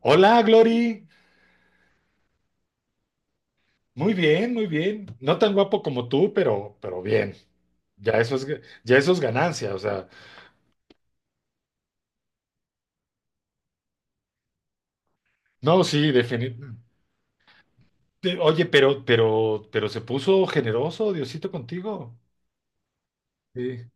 Hola, Glory. Muy bien, muy bien. No tan guapo como tú, pero bien. Ya eso es, ya eso es ganancia. O sea, no, sí, definitivamente. Oye, pero se puso generoso Diosito contigo. Sí.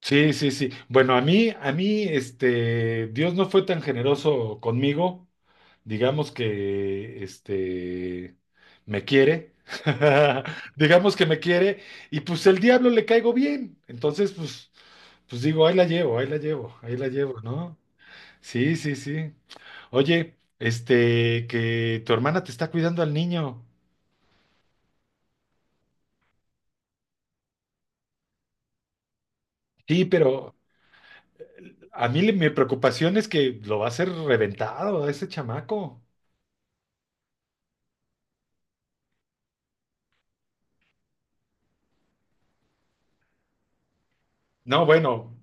Sí, sí, sí. Bueno, Dios no fue tan generoso conmigo. Digamos que, me quiere. Digamos que me quiere. Y pues el diablo le caigo bien. Entonces, pues digo, ahí la llevo, ahí la llevo, ahí la llevo, ¿no? Sí, sí, sí. Oye, que tu hermana te está cuidando al niño. Sí, pero mi preocupación es que lo va a hacer reventado a ese chamaco. No, bueno.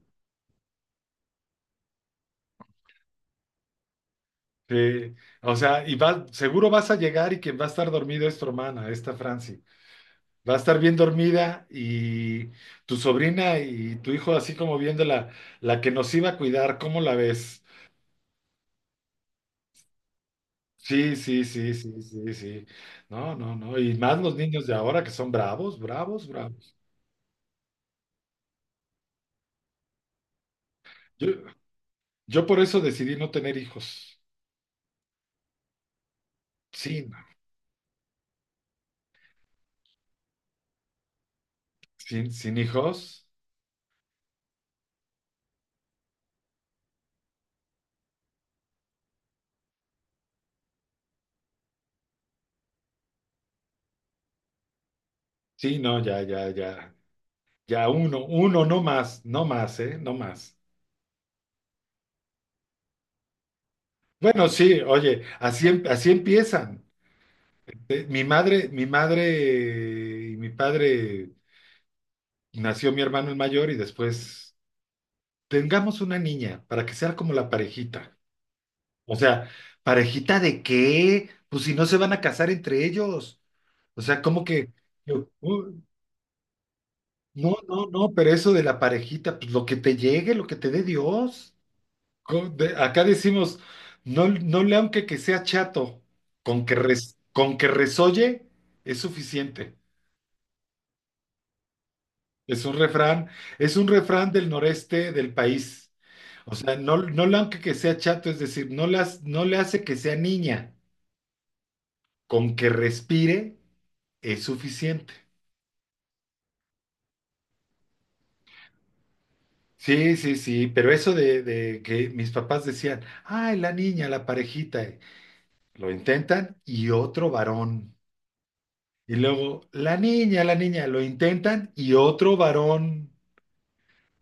Sí, o sea, y va, seguro vas a llegar y quien va a estar dormido es tu hermana, esta Franci. Va a estar bien dormida y tu sobrina y tu hijo así como viendo la que nos iba a cuidar, ¿cómo la ves? Sí, sí, sí, sí, sí, sí. No, no, no. Y más los niños de ahora que son bravos, bravos, bravos. Yo, yo por eso decidí no tener hijos. Sí, no. Sin hijos. Sí, no, ya, ya, ya. Ya no más, no más, ¿eh? No más. Bueno, sí, oye, así empiezan. Mi madre y mi padre nació mi hermano el mayor y después tengamos una niña para que sea como la parejita. O sea, ¿parejita de qué? Pues si no se van a casar entre ellos. O sea, como que yo, uh, no, no, no, pero eso de la parejita, pues lo que te llegue, lo que te dé Dios. Acá decimos, no, no le aunque que sea chato, con que resolle es suficiente. Es un refrán, es un refrán del noreste del país. O sea, no, no le aunque que sea chato, es decir, no le hace que sea niña, con que respire es suficiente. Sí, sí, sí, pero eso de que mis papás decían, ay, la niña, la parejita, lo intentan y otro varón. Y luego, la niña, lo intentan y otro varón.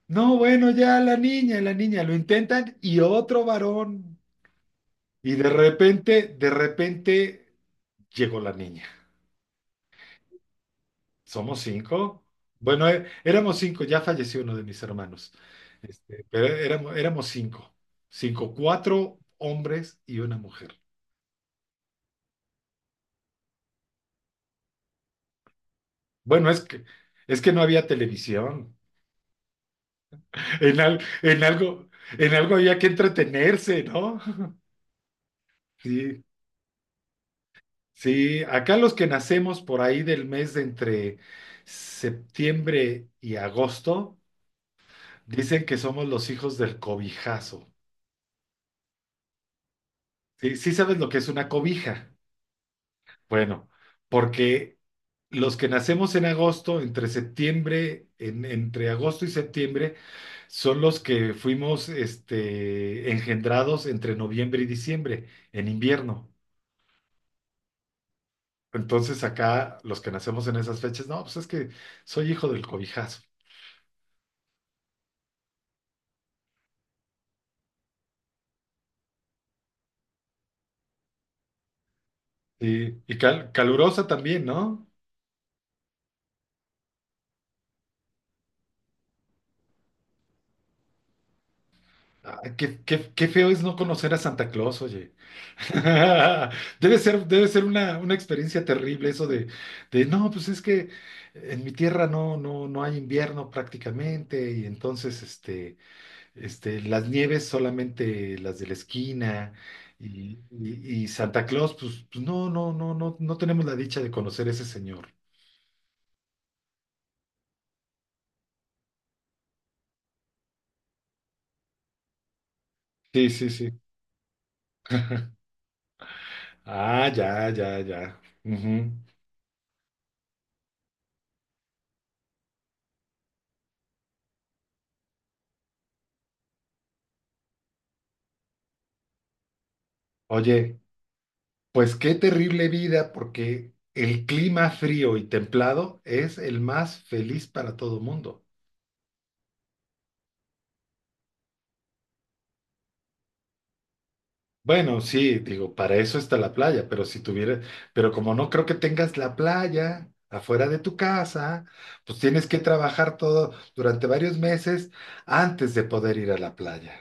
No, bueno, ya la niña, lo intentan y otro varón. Y de repente llegó la niña. ¿Somos cinco? Bueno, éramos cinco, ya falleció uno de mis hermanos. Pero éramos cinco. Cinco, cuatro hombres y una mujer. Bueno, es que no había televisión. En, al- en algo, en algo había que entretenerse, ¿no? Sí, sí, acá los que nacemos por ahí del mes de entre septiembre y agosto, dicen que somos los hijos del cobijazo. Sí, sí sabes lo que es una cobija. Bueno, porque los que nacemos en agosto, entre septiembre, entre agosto y septiembre, son los que fuimos engendrados entre noviembre y diciembre, en invierno. Entonces acá los que nacemos en esas fechas, no, pues es que soy hijo del cobijazo. Sí, y calurosa también, ¿no? Ah, qué feo es no conocer a Santa Claus, oye. Debe ser una experiencia terrible eso de, no, pues es que en mi tierra no, no, no hay invierno prácticamente, y entonces las nieves solamente las de la esquina, y, y Santa Claus, pues no, no, no, no, no tenemos la dicha de conocer a ese señor. Sí, sí, sí. Ah, ya, ya, ya. Ujú. Oye. Pues qué terrible vida, porque el clima frío y templado es el más feliz para todo mundo. Bueno, sí, digo, para eso está la playa, pero si tuviera, pero como no creo que tengas la playa afuera de tu casa, pues tienes que trabajar todo durante varios meses antes de poder ir a la playa.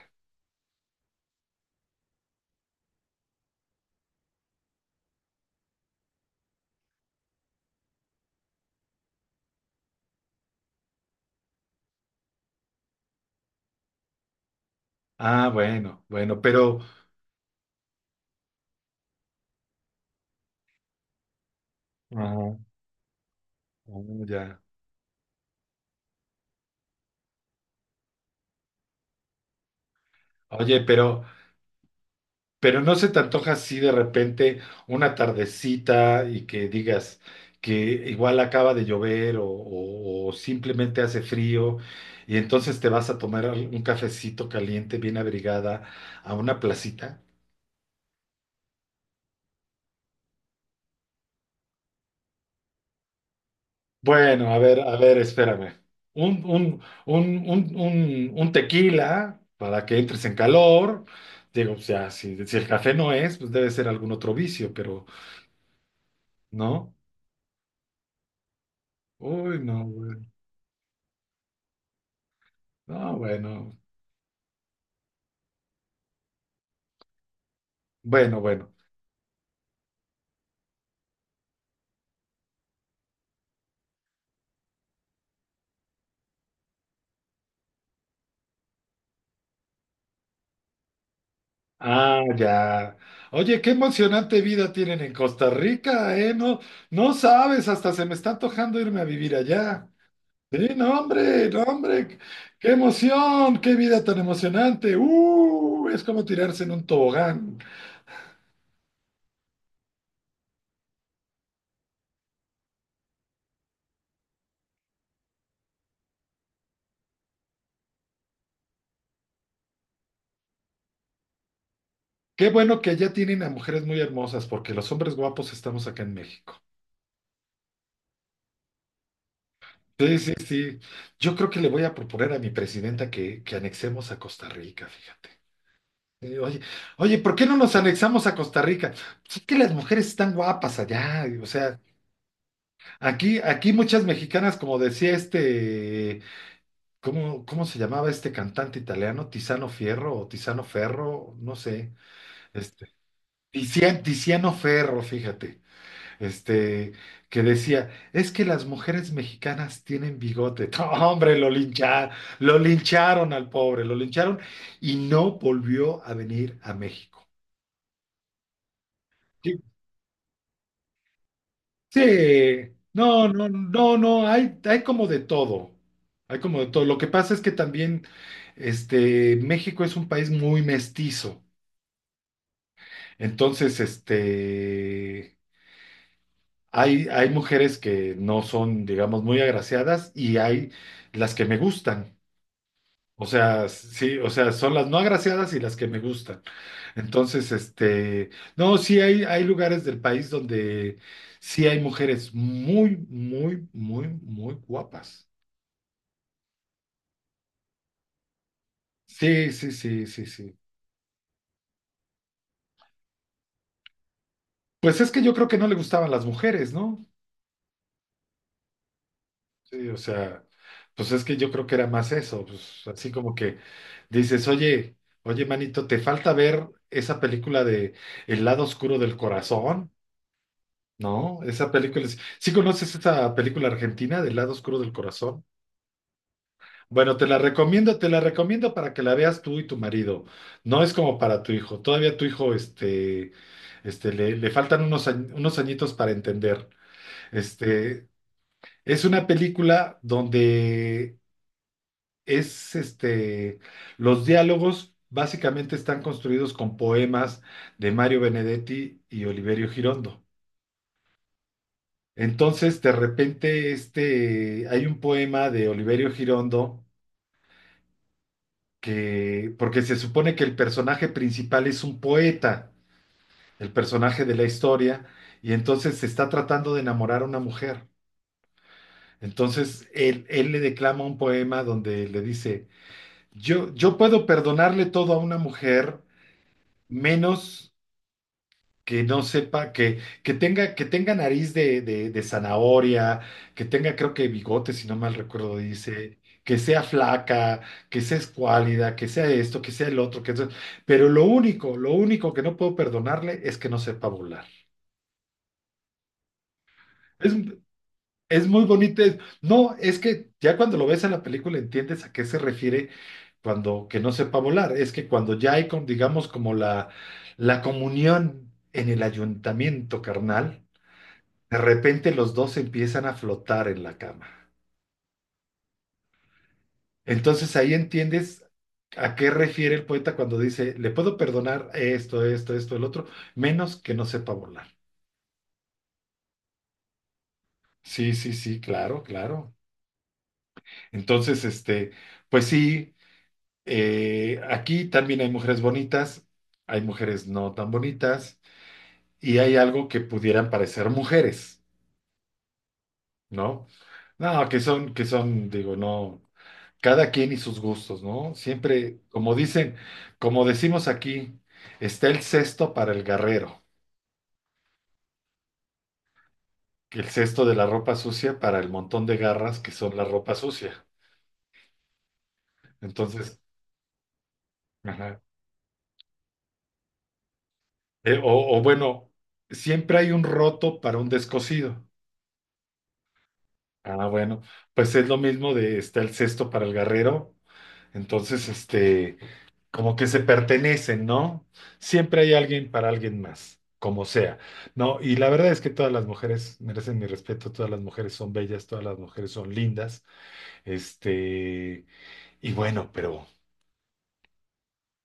Ah, bueno, bueno, pero. Ajá, ah, ya. Oye, pero no se te antoja así de repente una tardecita y que digas que igual acaba de llover o simplemente hace frío y entonces te vas a tomar un cafecito caliente, bien abrigada, a una placita. Bueno, a ver, espérame. Un tequila para que entres en calor. Digo, o sea, si el café no es, pues debe ser algún otro vicio, pero ¿no? Uy, no, güey. No, bueno. Bueno, bueno. Ah, ya. Oye, qué emocionante vida tienen en Costa Rica, ¿eh? No, no sabes, hasta se me está antojando irme a vivir allá. Sí, no, hombre, no, hombre, qué emoción, qué vida tan emocionante. Es como tirarse en un tobogán. Qué bueno que allá tienen a mujeres muy hermosas, porque los hombres guapos estamos acá en México. Sí, sí, sí. Yo creo que le voy a proponer a mi presidenta que anexemos a Costa Rica, fíjate. Oye, oye, ¿por qué no nos anexamos a Costa Rica? Pues es que las mujeres están guapas allá, o sea, aquí muchas mexicanas, como decía ¿cómo se llamaba este cantante italiano? Tiziano Fierro o Tiziano Ferro, no sé, este, Tiziano Ferro, fíjate, este, que decía, es que las mujeres mexicanas tienen bigote. No, hombre, lo lincharon al pobre, lo lincharon y no volvió a venir a México. Sí, no, no, no, no, hay como de todo, hay como de todo. Lo que pasa es que también, México es un país muy mestizo, entonces, hay mujeres que no son, digamos, muy agraciadas y hay las que me gustan. O sea, sí, o sea, son las no agraciadas y las que me gustan. Entonces, no, sí hay lugares del país donde sí hay mujeres muy, muy, muy, muy guapas. Sí, sí, sí, sí, sí. Pues es que yo creo que no le gustaban las mujeres, ¿no? Sí, o sea, pues es que yo creo que era más eso, pues así como que dices, oye, oye, manito, ¿te falta ver esa película de El lado oscuro del corazón? No, esa película es. ¿Sí conoces esa película argentina del lado oscuro del corazón? Bueno, te la recomiendo para que la veas tú y tu marido. No es como para tu hijo. Todavía tu hijo, le faltan unos añitos para entender. Este, es una película donde es, este, los diálogos básicamente están construidos con poemas de Mario Benedetti y Oliverio Girondo. Entonces, de repente, hay un poema de Oliverio Girondo que, porque se supone que el personaje principal es un poeta, el personaje de la historia, y entonces se está tratando de enamorar a una mujer. Entonces, él le declama un poema donde le dice, yo puedo perdonarle todo a una mujer, menos que no sepa, que tenga, que tenga, nariz de zanahoria, que tenga, creo que bigote, si no mal recuerdo, dice, que sea flaca, que sea escuálida, que sea esto, que sea el otro, pero lo único que no puedo perdonarle es que no sepa volar. Es, es muy bonito. No, es que ya cuando lo ves en la película entiendes a qué se refiere cuando que no sepa volar. Es que cuando ya hay, con, digamos, como la comunión en el ayuntamiento, carnal. De repente los dos empiezan a flotar en la cama. Entonces ahí entiendes a qué refiere el poeta cuando dice, le puedo perdonar esto, esto, esto, el otro, menos que no sepa volar. Sí, sí, sí, claro, claro. Entonces, pues sí, aquí también hay mujeres bonitas, hay mujeres no tan bonitas y hay algo que pudieran parecer mujeres, ¿no? No, que son, digo, no. Cada quien y sus gustos, ¿no? Siempre, como dicen, como decimos aquí, está el cesto para el garrero, que el cesto de la ropa sucia para el montón de garras que son la ropa sucia. Entonces, ajá. O bueno, siempre hay un roto para un descosido. Ah, bueno, pues es lo mismo de está el cesto para el garrero. Entonces, como que se pertenecen, ¿no? Siempre hay alguien para alguien más, como sea, ¿no? Y la verdad es que todas las mujeres merecen mi respeto, todas las mujeres son bellas, todas las mujeres son lindas, este, y bueno, pero.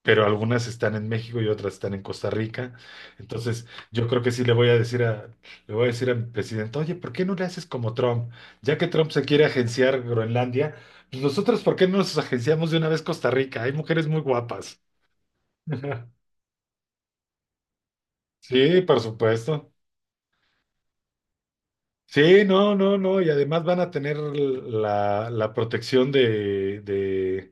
Pero algunas están en México y otras están en Costa Rica. Entonces, yo creo que sí le voy a decir a mi presidente, oye, ¿por qué no le haces como Trump? Ya que Trump se quiere agenciar Groenlandia, pues nosotros, ¿por qué no nos agenciamos de una vez Costa Rica? Hay mujeres muy guapas. Sí, por supuesto. Sí, no, no, no. Y además van a tener la protección de, de,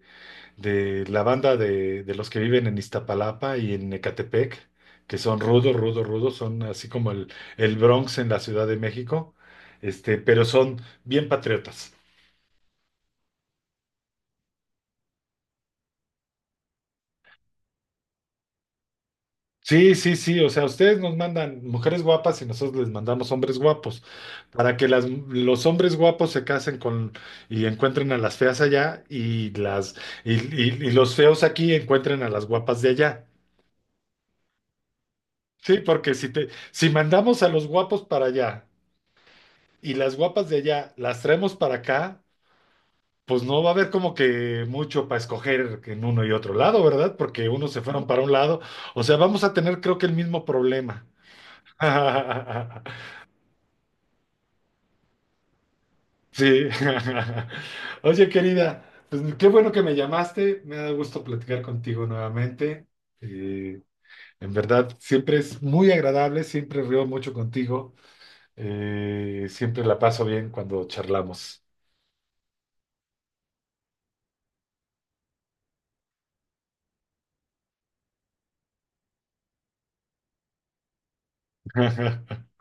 de la banda de los que viven en Iztapalapa y en Ecatepec, que son rudos, rudos, rudos. Son así como el Bronx en la Ciudad de México. Pero son bien patriotas. Sí, sí, sí, o sea, ustedes nos mandan mujeres guapas y nosotros les mandamos hombres guapos, para que las, los hombres guapos se casen con y encuentren a las feas allá y y los feos aquí encuentren a las guapas de allá. Sí, porque si mandamos a los guapos para allá y las guapas de allá las traemos para acá, pues no va a haber como que mucho para escoger en uno y otro lado, ¿verdad? Porque unos se fueron para un lado, o sea, vamos a tener creo que el mismo problema. Sí. Oye, querida, pues qué bueno que me llamaste. Me da gusto platicar contigo nuevamente. Eh, en verdad, siempre es muy agradable, siempre río mucho contigo. Siempre la paso bien cuando charlamos.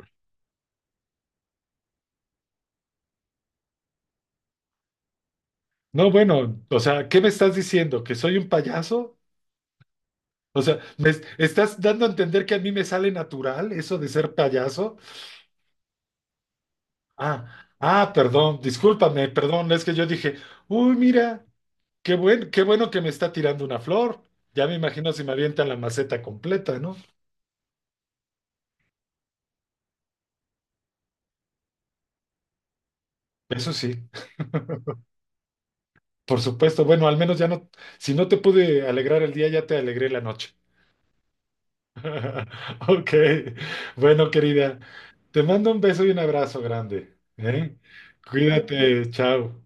No, bueno, o sea, ¿qué me estás diciendo? ¿Que soy un payaso? O sea, ¿me estás dando a entender que a mí me sale natural eso de ser payaso? Ah, ah, perdón, discúlpame, perdón, es que yo dije, uy, mira. Qué bueno que me está tirando una flor. Ya me imagino si me avientan la maceta completa, ¿no? Eso sí, por supuesto. Bueno, al menos ya no, si no te pude alegrar el día, ya te alegré la noche. Ok, bueno, querida, te mando un beso y un abrazo grande, ¿eh? Cuídate, chao.